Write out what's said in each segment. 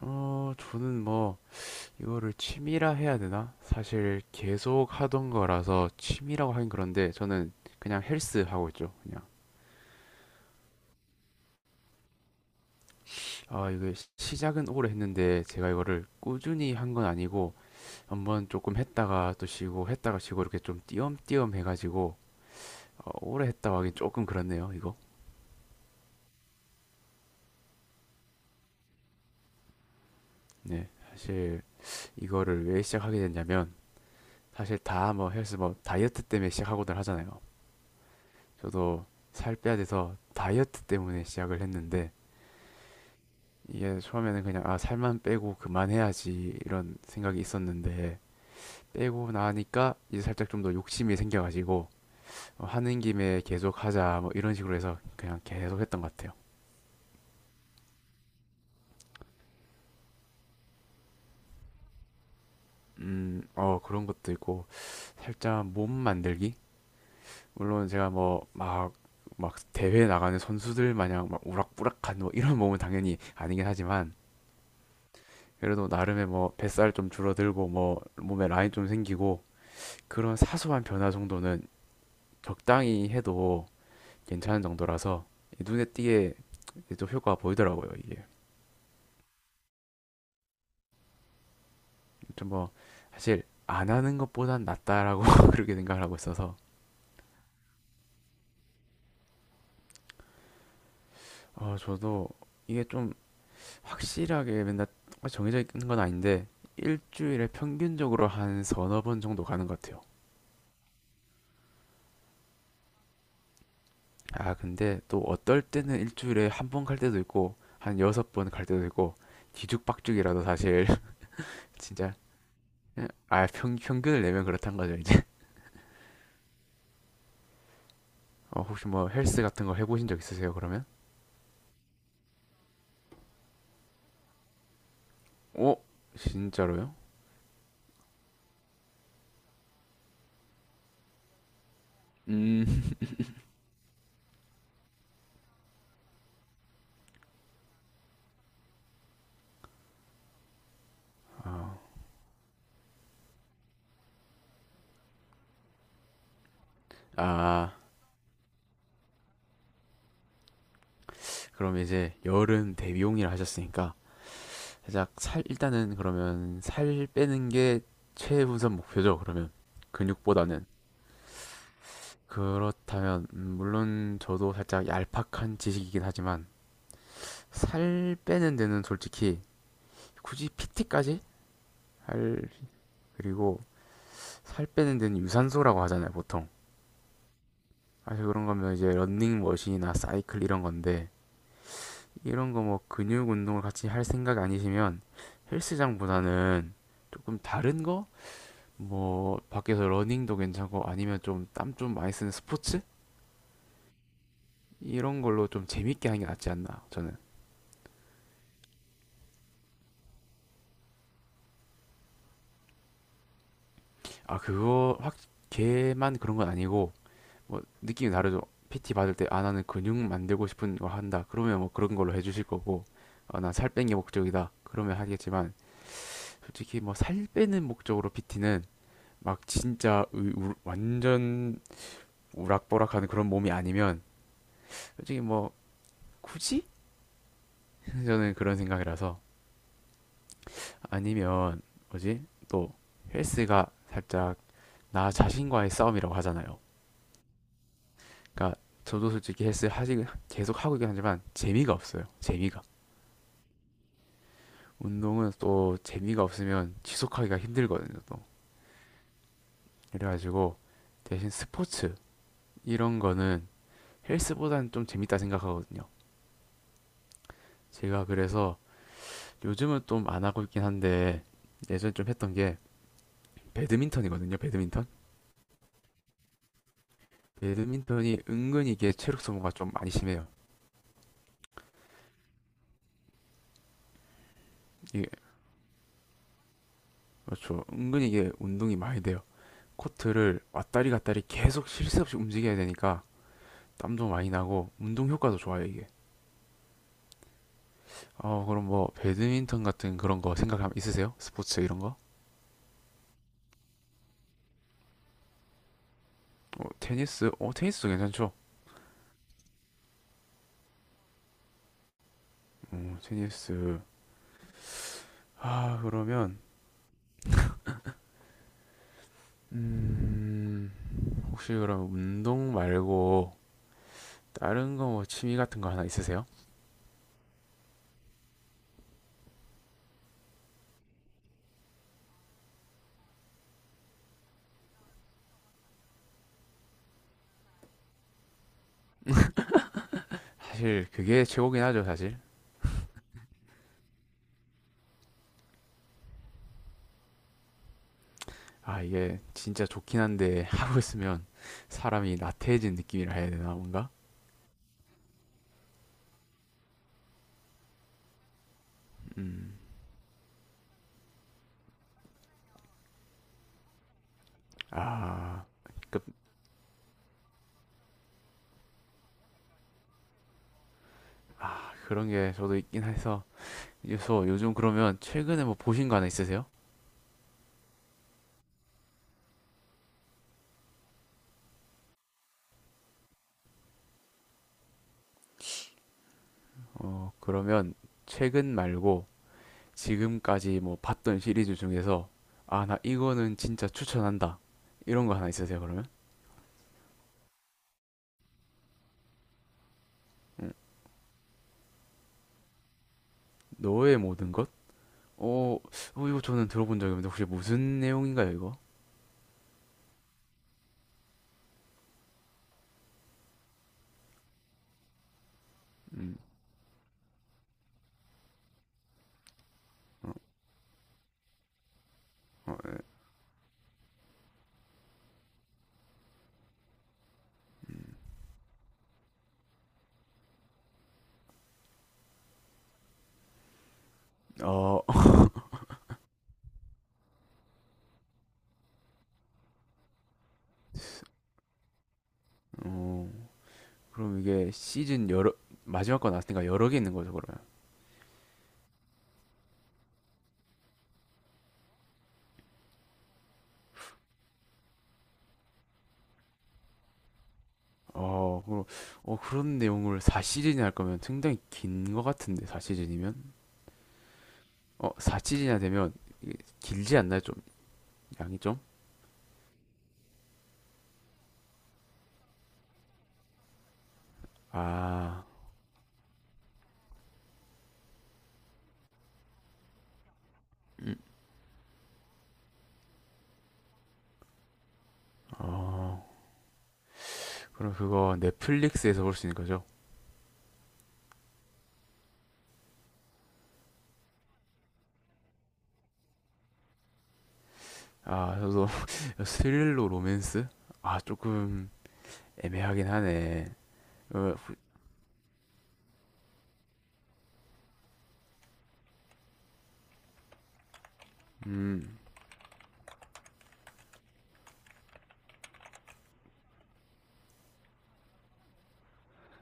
어, 저는 뭐, 이거를 취미라 해야 되나? 사실 계속 하던 거라서 취미라고 하긴 그런데 저는 그냥 헬스 하고 있죠. 그냥. 아, 이게 시작은 오래 했는데 제가 이거를 꾸준히 한 건 아니고 한번 조금 했다가 또 쉬고 했다가 쉬고 이렇게 좀 띄엄띄엄 해가지고 오래 했다고 하긴 조금 그렇네요, 이거. 네. 사실 이거를 왜 시작하게 됐냐면 사실 다 뭐 헬스 뭐 다이어트 때문에 시작하고들 하잖아요. 저도 살 빼야 돼서 다이어트 때문에 시작을 했는데 이게 처음에는 그냥 아 살만 빼고 그만해야지 이런 생각이 있었는데 빼고 나니까 이제 살짝 좀 더 욕심이 생겨가지고 하는 김에 계속 하자 뭐 이런 식으로 해서 그냥 계속 했던 것 같아요. 그런 것도 있고 살짝 몸 만들기? 물론 제가 뭐 막 막 대회 나가는 선수들 마냥 막 우락부락한 뭐 이런 몸은 당연히 아니긴 하지만 그래도 나름의 뭐 뱃살 좀 줄어들고 뭐 몸에 라인 좀 생기고 그런 사소한 변화 정도는 적당히 해도 괜찮은 정도라서 눈에 띄게 또 효과가 보이더라고요 이게. 좀 뭐 사실 안 하는 것보단 낫다라고 그렇게 생각을 하고 있어서 어 저도 이게 좀 확실하게 맨날 정해져 있는 건 아닌데 일주일에 평균적으로 한 서너 번 정도 가는 것 같아요. 아, 근데 또 어떨 때는 일주일에 한 번 갈 때도 있고, 한 여섯 번 갈 때도 있고, 뒤죽박죽이라도 사실, 진짜. 예, 아, 평균을 내면 그렇단 거죠, 이제. 어, 혹시 뭐 헬스 같은 거 해보신 적 있으세요, 그러면? 어? 진짜로요? 음, 아, 아, 그럼 이제 여름 대비용이라 하셨으니까, 살짝 살, 일단은 그러면 살 빼는 게 최우선 목표죠, 그러면. 근육보다는. 그렇다면 물론 저도 살짝 얄팍한 지식이긴 하지만 살 빼는 데는 솔직히 굳이 PT까지 할. 그리고 살 빼는 데는 유산소라고 하잖아요 보통. 사실 그런 거면 이제 런닝머신이나 사이클 이런 건데 이런 거 뭐 근육 운동을 같이 할 생각 아니시면 헬스장보다는 조금 다른 거? 뭐 밖에서 러닝도 괜찮고 아니면 좀 땀 좀 많이 쓰는 스포츠? 이런 걸로 좀 재밌게 하는 게 낫지 않나 저는. 아, 그거 확 걔만 그런 건 아니고 뭐 느낌이 다르죠. PT 받을 때 아 나는 근육 만들고 싶은 거 한다. 그러면 뭐 그런 걸로 해주실 거고 아, 나살 빼는 게 목적이다. 그러면 하겠지만 솔직히 뭐 살 빼는 목적으로 PT는 막 진짜 완전 우락부락하는 그런 몸이 아니면 솔직히 뭐 굳이. 저는 그런 생각이라서 아니면 뭐지 또 헬스가 살짝 나 자신과의 싸움이라고 하잖아요. 그러니까 저도 솔직히 헬스 하지 계속 하고 있긴 하지만 재미가 없어요. 재미가. 운동은 또 재미가 없으면 지속하기가 힘들거든요, 또. 그래가지고 대신 스포츠 이런 거는 헬스보다는 좀 재밌다 생각하거든요. 제가 그래서 요즘은 좀 안 하고 있긴 한데 예전에 좀 했던 게 배드민턴이거든요, 배드민턴. 배드민턴이 은근히 이게 체력 소모가 좀 많이 심해요. 이게 그렇죠. 은근히 이게 운동이 많이 돼요. 코트를 왔다리 갔다리 계속 쉴 새 없이 움직여야 되니까 땀도 많이 나고 운동 효과도 좋아요 이게. 어 그럼 뭐 배드민턴 같은 그런 거 생각 있으세요? 스포츠 이런 거? 어 테니스? 어 테니스도 괜찮죠? 어 테니스. 아 그러면 음 혹시 그럼 운동 말고 다른 거 뭐 취미 같은 거 하나 있으세요? 사실 그게 최고긴 하죠 사실. 아 이게 진짜 좋긴 한데 하고 있으면 사람이 나태해진 느낌이라 해야 되나 뭔가? 음 아 그, 그런 게 저도 있긴 해서 그래서 요즘 그러면 최근에 뭐 보신 거 하나 있으세요? 어, 그러면 최근 말고 지금까지 뭐 봤던 시리즈 중에서 아, 나 이거는 진짜 추천한다. 이런 거 하나 있으세요, 그러면? 음, 너의 모든 것? 어, 어, 이거 저는 들어본 적이 없는데 혹시 무슨 내용인가요, 이거? 음, 어, 어, 음. 어, 어, 그럼 이게 시즌 여러, 마지막 거 나왔으니까 여러 개 있는 거죠, 그러면? 어, 그럼, 어, 그런 내용을 4시즌이나 할 거면 상당히 긴 것 같은데, 4시즌이면? 어, 4시즌이나 되면 이게 길지 않나요? 좀, 양이 좀? 아, 음, 어, 그럼 그거 넷플릭스에서 볼 수 있는 거죠? 아, 저도 스릴로 로맨스? 아, 조금 애매하긴 하네. 어, 후- 음,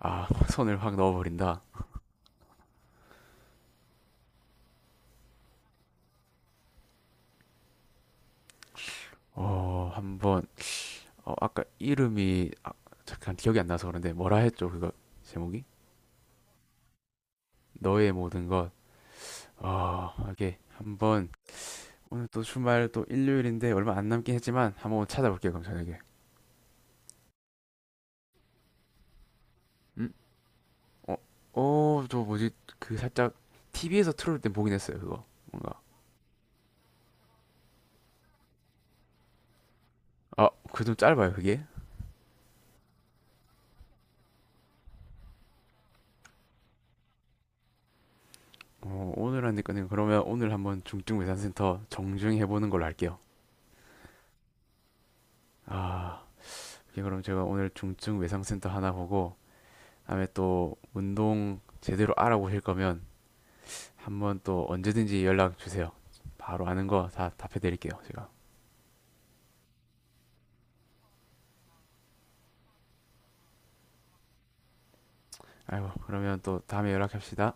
아, 손을 확 넣어버린다. 어, 한번, 어, 아까 이름이, 아, 잠깐 기억이 안 나서 그런데, 뭐라 했죠, 그거, 제목이? 너의 모든 것. 케이 한번 오늘 또 주말 또 일요일인데 얼마 안 남긴 했지만 한번 찾아볼게요, 그럼 저녁에. 음? 어, 어, 저 뭐지? 그 살짝 TV에서 틀어올 때 보긴 했어요, 그거. 뭔가. 아, 그 좀 짧아요, 그게? 어, 오늘 하니까는 그러면 오늘 한번 중증 외상센터 정중히 해보는 걸로 할게요. 아, 이 그럼 제가 오늘 중증 외상센터 하나 보고 다음에 또 운동 제대로 알아보실 거면 한번 또 언제든지 연락 주세요. 바로 아는 거 다 답해드릴게요, 제가. 아이고 그러면 또 다음에 연락합시다.